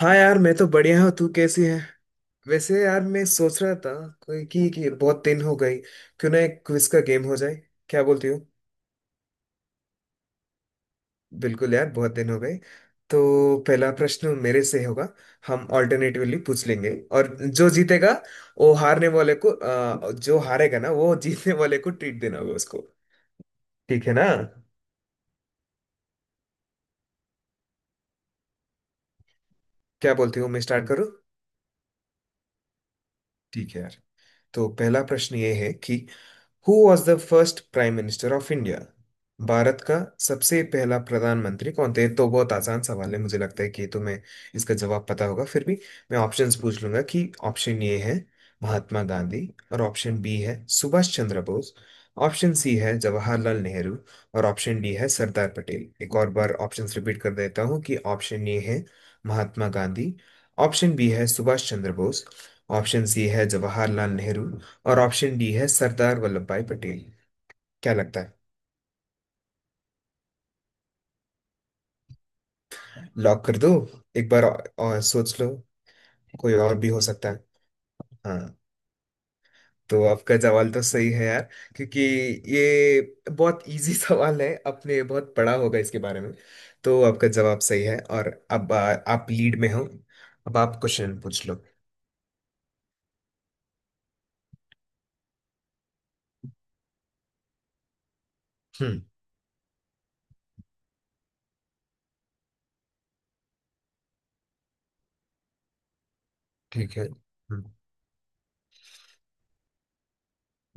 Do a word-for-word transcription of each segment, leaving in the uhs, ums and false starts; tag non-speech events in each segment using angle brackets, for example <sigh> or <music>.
हाँ यार, मैं तो बढ़िया हूँ। तू कैसी है? वैसे यार, मैं सोच रहा था कोई कि, कि बहुत दिन हो गई। क्यों ना एक क्विज का गेम हो जाए? क्या बोलती हो? बिल्कुल यार, बहुत दिन हो गए। तो पहला प्रश्न मेरे से होगा। हम ऑल्टरनेटिवली पूछ लेंगे। और जो जीतेगा वो हारने वाले को अ, जो हारेगा ना वो जीतने वाले को ट्रीट देना होगा उसको। ठीक है ना? क्या बोलती हो, मैं स्टार्ट करूँ? ठीक है यार। तो पहला प्रश्न ये है कि who was the first prime minister of India, Bharat का सबसे पहला प्रधानमंत्री कौन थे। तो बहुत आसान सवाल है, मुझे लगता है कि तुम्हें इसका जवाब पता होगा। फिर भी मैं ऑप्शंस पूछ लूंगा कि ऑप्शन ए है महात्मा गांधी और ऑप्शन बी है सुभाष चंद्र बोस। ऑप्शन सी है जवाहरलाल नेहरू और ऑप्शन डी है सरदार पटेल। एक और बार ऑप्शंस रिपीट कर देता हूँ कि ऑप्शन ए है महात्मा गांधी, ऑप्शन बी है सुभाष चंद्र बोस, ऑप्शन सी है जवाहरलाल नेहरू और ऑप्शन डी है सरदार वल्लभ भाई पटेल। क्या लगता है? लॉक कर दो। एक बार और, और सोच लो। कोई और भी हो सकता है। हाँ। तो आपका सवाल तो सही है यार, क्योंकि ये बहुत इजी <laughs> सवाल है। आपने बहुत पढ़ा होगा इसके बारे में, तो आपका जवाब सही है। और अब आ, आप लीड में हो। अब आप क्वेश्चन पूछ लो। हम्म। ठीक है। हम्म।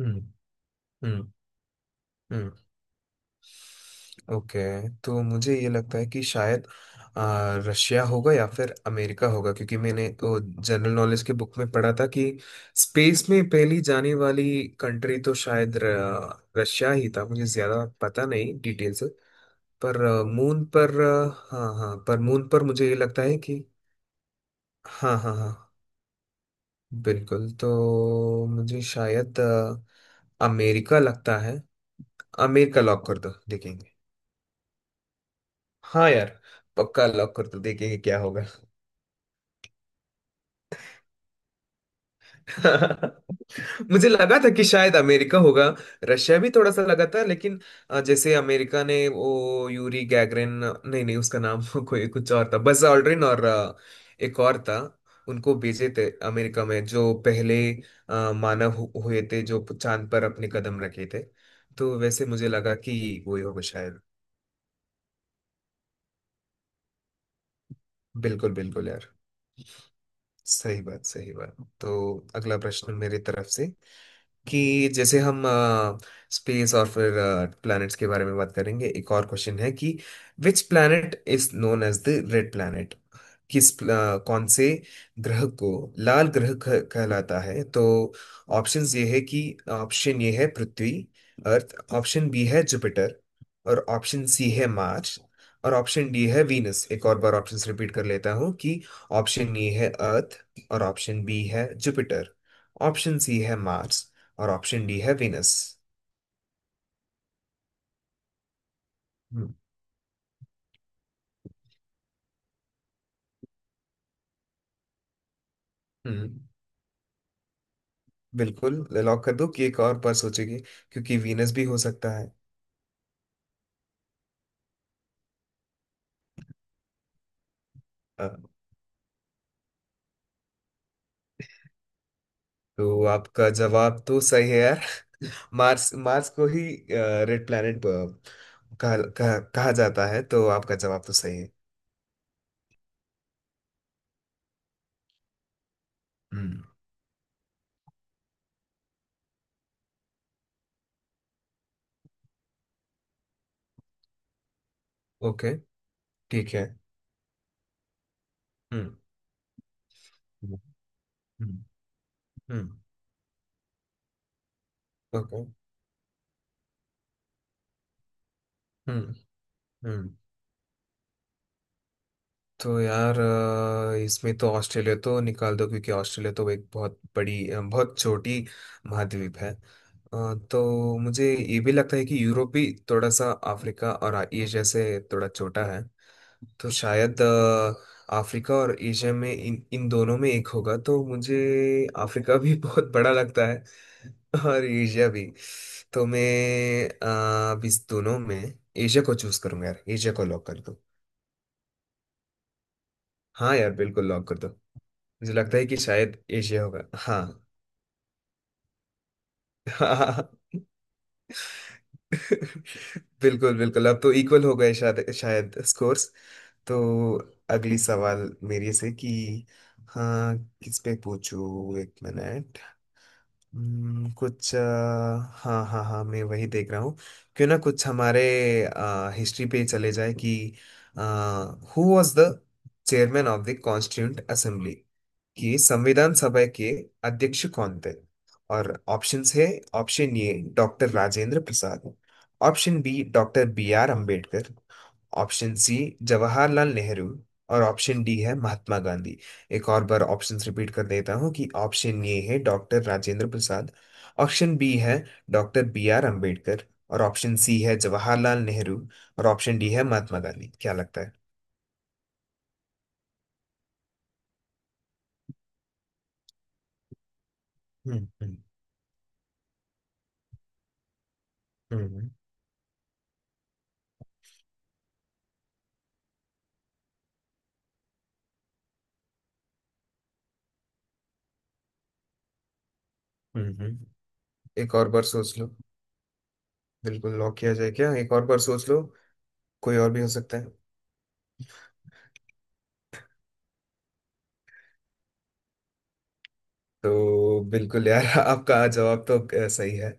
हम्म। हम्म। हम्म। ओके। तो मुझे ये लगता है कि शायद आ, रशिया होगा या फिर अमेरिका होगा, क्योंकि मैंने वो जनरल नॉलेज के बुक में पढ़ा था कि स्पेस में पहली जाने वाली कंट्री तो शायद र, रशिया ही था। मुझे ज्यादा पता नहीं डिटेल से। पर मून पर अ, हाँ हाँ, पर मून पर मुझे ये लगता है कि। हाँ हाँ हाँ। बिल्कुल, तो मुझे शायद अ, अमेरिका लगता है। अमेरिका लॉक कर दो, देखेंगे। हाँ यार, पक्का लॉक कर दो, देखेंगे क्या होगा। <laughs> मुझे लगा था कि शायद अमेरिका होगा। रशिया भी थोड़ा सा लगा था, लेकिन अ, जैसे अमेरिका ने वो यूरी गैगरिन। नहीं नहीं, उसका नाम <laughs> कोई कुछ और था। बस ऑल्ड्रिन और अ, एक और था। उनको भेजे थे अमेरिका में, जो पहले अ, मानव हु- हुए थे जो चांद पर अपने कदम रखे थे। तो वैसे मुझे लगा कि वो ही होगा शायद। बिल्कुल बिल्कुल यार। सही बात, सही बात। तो अगला प्रश्न मेरी तरफ से कि जैसे हम स्पेस और फिर प्लैनेट्स के बारे में बात करेंगे। एक और क्वेश्चन है कि which planet is known as the red planet, किस प्ला- कौन से ग्रह को लाल ग्रह कह- कहलाता है। तो ऑप्शंस ये है कि ऑप्शन ये है पृथ्वी, अर्थ, ऑप्शन बी है जुपिटर और ऑप्शन सी है मार्स और ऑप्शन डी है वीनस। एक और बार ऑप्शंस रिपीट कर लेता हूँ कि ऑप्शन ए है अर्थ और ऑप्शन बी है जुपिटर, ऑप्शन सी है मार्स और ऑप्शन डी है वीनस। हम्म। हम्म। बिल्कुल लॉक कर दो, कि एक और पर सोचेगी? क्योंकि वीनस भी हो सकता है। अ, तो आपका जवाब तो सही है यार। <laughs> मार्स, मार्स को ही रेड प्लैनेट कहा, कहा, कहा जाता है, तो आपका जवाब तो सही है। हम्म। ओके। ठीक है। हम्म। हम्म। हम्म। ओके। हम्म। Okay। हम्म। हम्म। तो यार अ, इसमें तो ऑस्ट्रेलिया तो निकाल दो, क्योंकि ऑस्ट्रेलिया तो एक बहुत बड़ी अ, बहुत छोटी महाद्वीप है। अ, तो मुझे ये भी लगता है कि यूरोप भी थोड़ा सा अफ्रीका और एशिया से थोड़ा छोटा है। तो शायद अ, अफ्रीका और एशिया में इन इन दोनों में एक होगा। तो मुझे अफ्रीका भी <laughs> बहुत बड़ा लगता है और एशिया भी। तो मैं अ, अब इस दोनों में एशिया को चूज करूंगा यार। एशिया को लॉक कर दो। हाँ यार, बिल्कुल लॉक कर दो। मुझे लगता है कि शायद एशिया होगा, हाँ। <laughs> बिल्कुल बिल्कुल। अब तो इक्वल हो गए शायद शायद स्कोर्स। तो अगली सवाल मेरे से कि। हाँ, किस पे पूछूं, एक मिनट। हम्म, कुछ अ, हाँ हाँ हाँ, मैं वही देख रहा हूँ। क्यों ना कुछ हमारे हिस्ट्री पे चले जाए कि who was the chairman of the constituent assembly, कि संविधान सभा के अध्यक्ष कौन थे। और ऑप्शंस है option A doctor Rajendra Prasad, option B doctor B R Ambedkar, option C Jawaharlal Nehru और ऑप्शन डी है महात्मा गांधी। एक और बार ऑप्शंस रिपीट कर देता हूँ कि ऑप्शन ए है doctor Rajendra Prasad, option B है डॉक्टर बी आर अंबेडकर और ऑप्शन सी है जवाहरलाल नेहरू और ऑप्शन डी है महात्मा गांधी। क्या लगता है? हम्म। हम्म। हम्म। हम्म। हम्म। एक और बार सोच लो। बिल्कुल लॉक किया जाए क्या? एक और बार सोच लो। कोई और भी हो सकता है। तो बिल्कुल यार <laughs> आपका जवाब तो अ, सही है।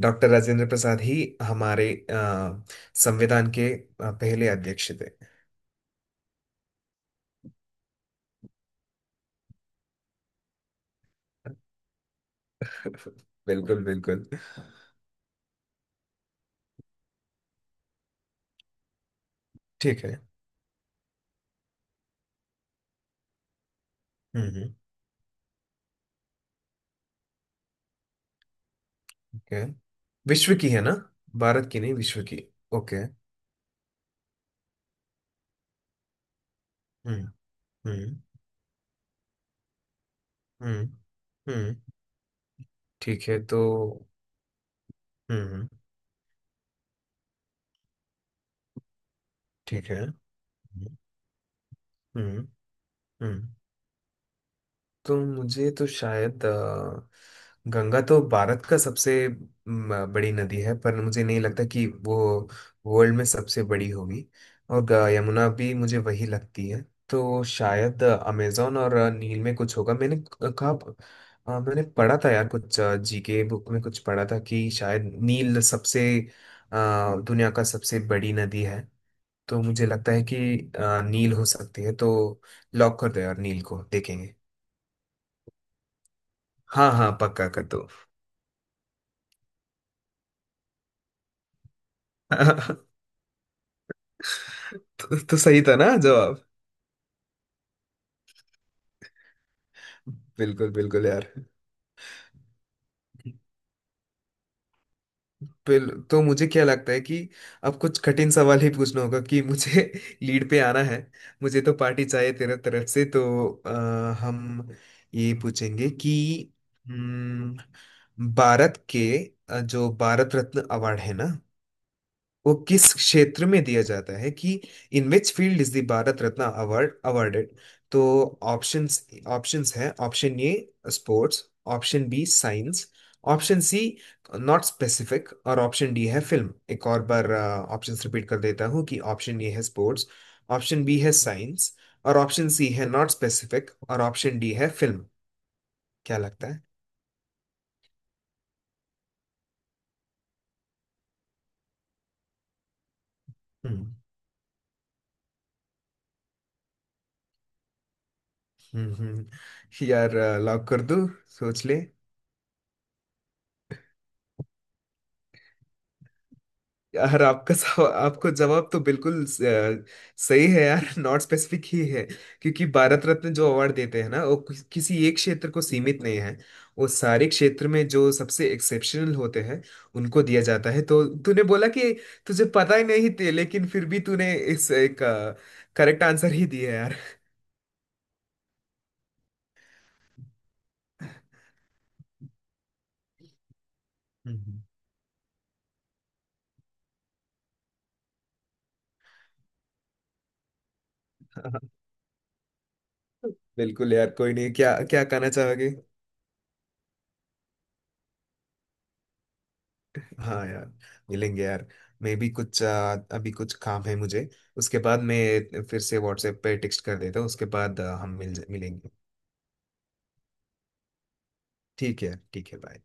डॉक्टर राजेंद्र प्रसाद ही हमारे अ, संविधान के अ, पहले अध्यक्ष थे। <laughs> बिल्कुल बिल्कुल। ठीक है। हम्म। हम्म। ओके, विश्व की है ना? भारत की नहीं, विश्व की। ओके। हम्म। हम्म। हम्म। हम्म। ठीक है तो। हम्म। ठीक है। हम्म। हम्म। हम्म। तो मुझे तो शायद अ, गंगा तो भारत का सबसे म, बड़ी नदी है। पर मुझे नहीं लगता कि वो वर्ल्ड में सबसे बड़ी होगी। और ग- यमुना भी मुझे वही लगती है। तो शायद अमेजोन और अ, नील में कुछ होगा, मैंने क- कहा। अ, मैंने पढ़ा था यार, कुछ जी के बुक में कुछ पढ़ा था कि शायद नील सबसे अ, दुनिया का सबसे बड़ी नदी है। तो मुझे लगता है कि अ, नील हो सकती है। तो लॉक कर दो यार, नील को देखेंगे। हाँ हाँ, पक्का कर दो। <laughs> तो, तो सही था ना जवाब? बिल्कुल बिल्कुल यार। बिल, तो मुझे क्या लगता है कि अब कुछ कठिन सवाल ही पूछना होगा, कि मुझे <laughs> लीड पे आना है। मुझे तो पार्टी चाहिए तेरे तरफ से, तो अ, हम ये पूछेंगे कि। हम्म, भारत के अ, जो भारत रत्न अवार्ड है ना वो किस क्षेत्र में दिया जाता है, कि in which field is the Bharat Ratna award awarded. तो ऑप्शंस ऑप्शंस है option A sports, option B science, option C not specific और ऑप्शन डी है फिल्म। एक और बार ऑप्शंस रिपीट कर देता हूँ कि ऑप्शन ए है स्पोर्ट्स, ऑप्शन बी है साइंस और ऑप्शन सी है नॉट स्पेसिफिक और ऑप्शन डी है फिल्म। क्या लगता है? हम्म। हम्म। हम्म। यार लॉक कर दूं, सोच ले। यार आपका सवा- आपको जवाब तो बिल्कुल स- अ, सही है यार। <laughs> नॉट स्पेसिफिक ही है, क्योंकि भारत रत्न जो अवार्ड देते हैं ना वो किस- किसी एक क्षेत्र को सीमित नहीं है। वो सारे क्षेत्र में जो सबसे एक्सेप्शनल होते हैं उनको दिया जाता है। तो तूने बोला कि तुझे पता ही नहीं थे, लेकिन फिर भी तूने इस एक करेक्ट आंसर ही दिया है यार। हम्म। <laughs> बिल्कुल यार, कोई नहीं। क्या क्या कहना चाहोगे? हाँ यार, मिलेंगे यार। मैं भी कुछ आ, अभी कुछ काम है मुझे। उसके बाद मैं फिर से व्हाट्सएप पे टेक्स्ट कर देता हूँ। उसके बाद आ, हम मिल मिलेंगे। ठीक है ठीक है, बाय।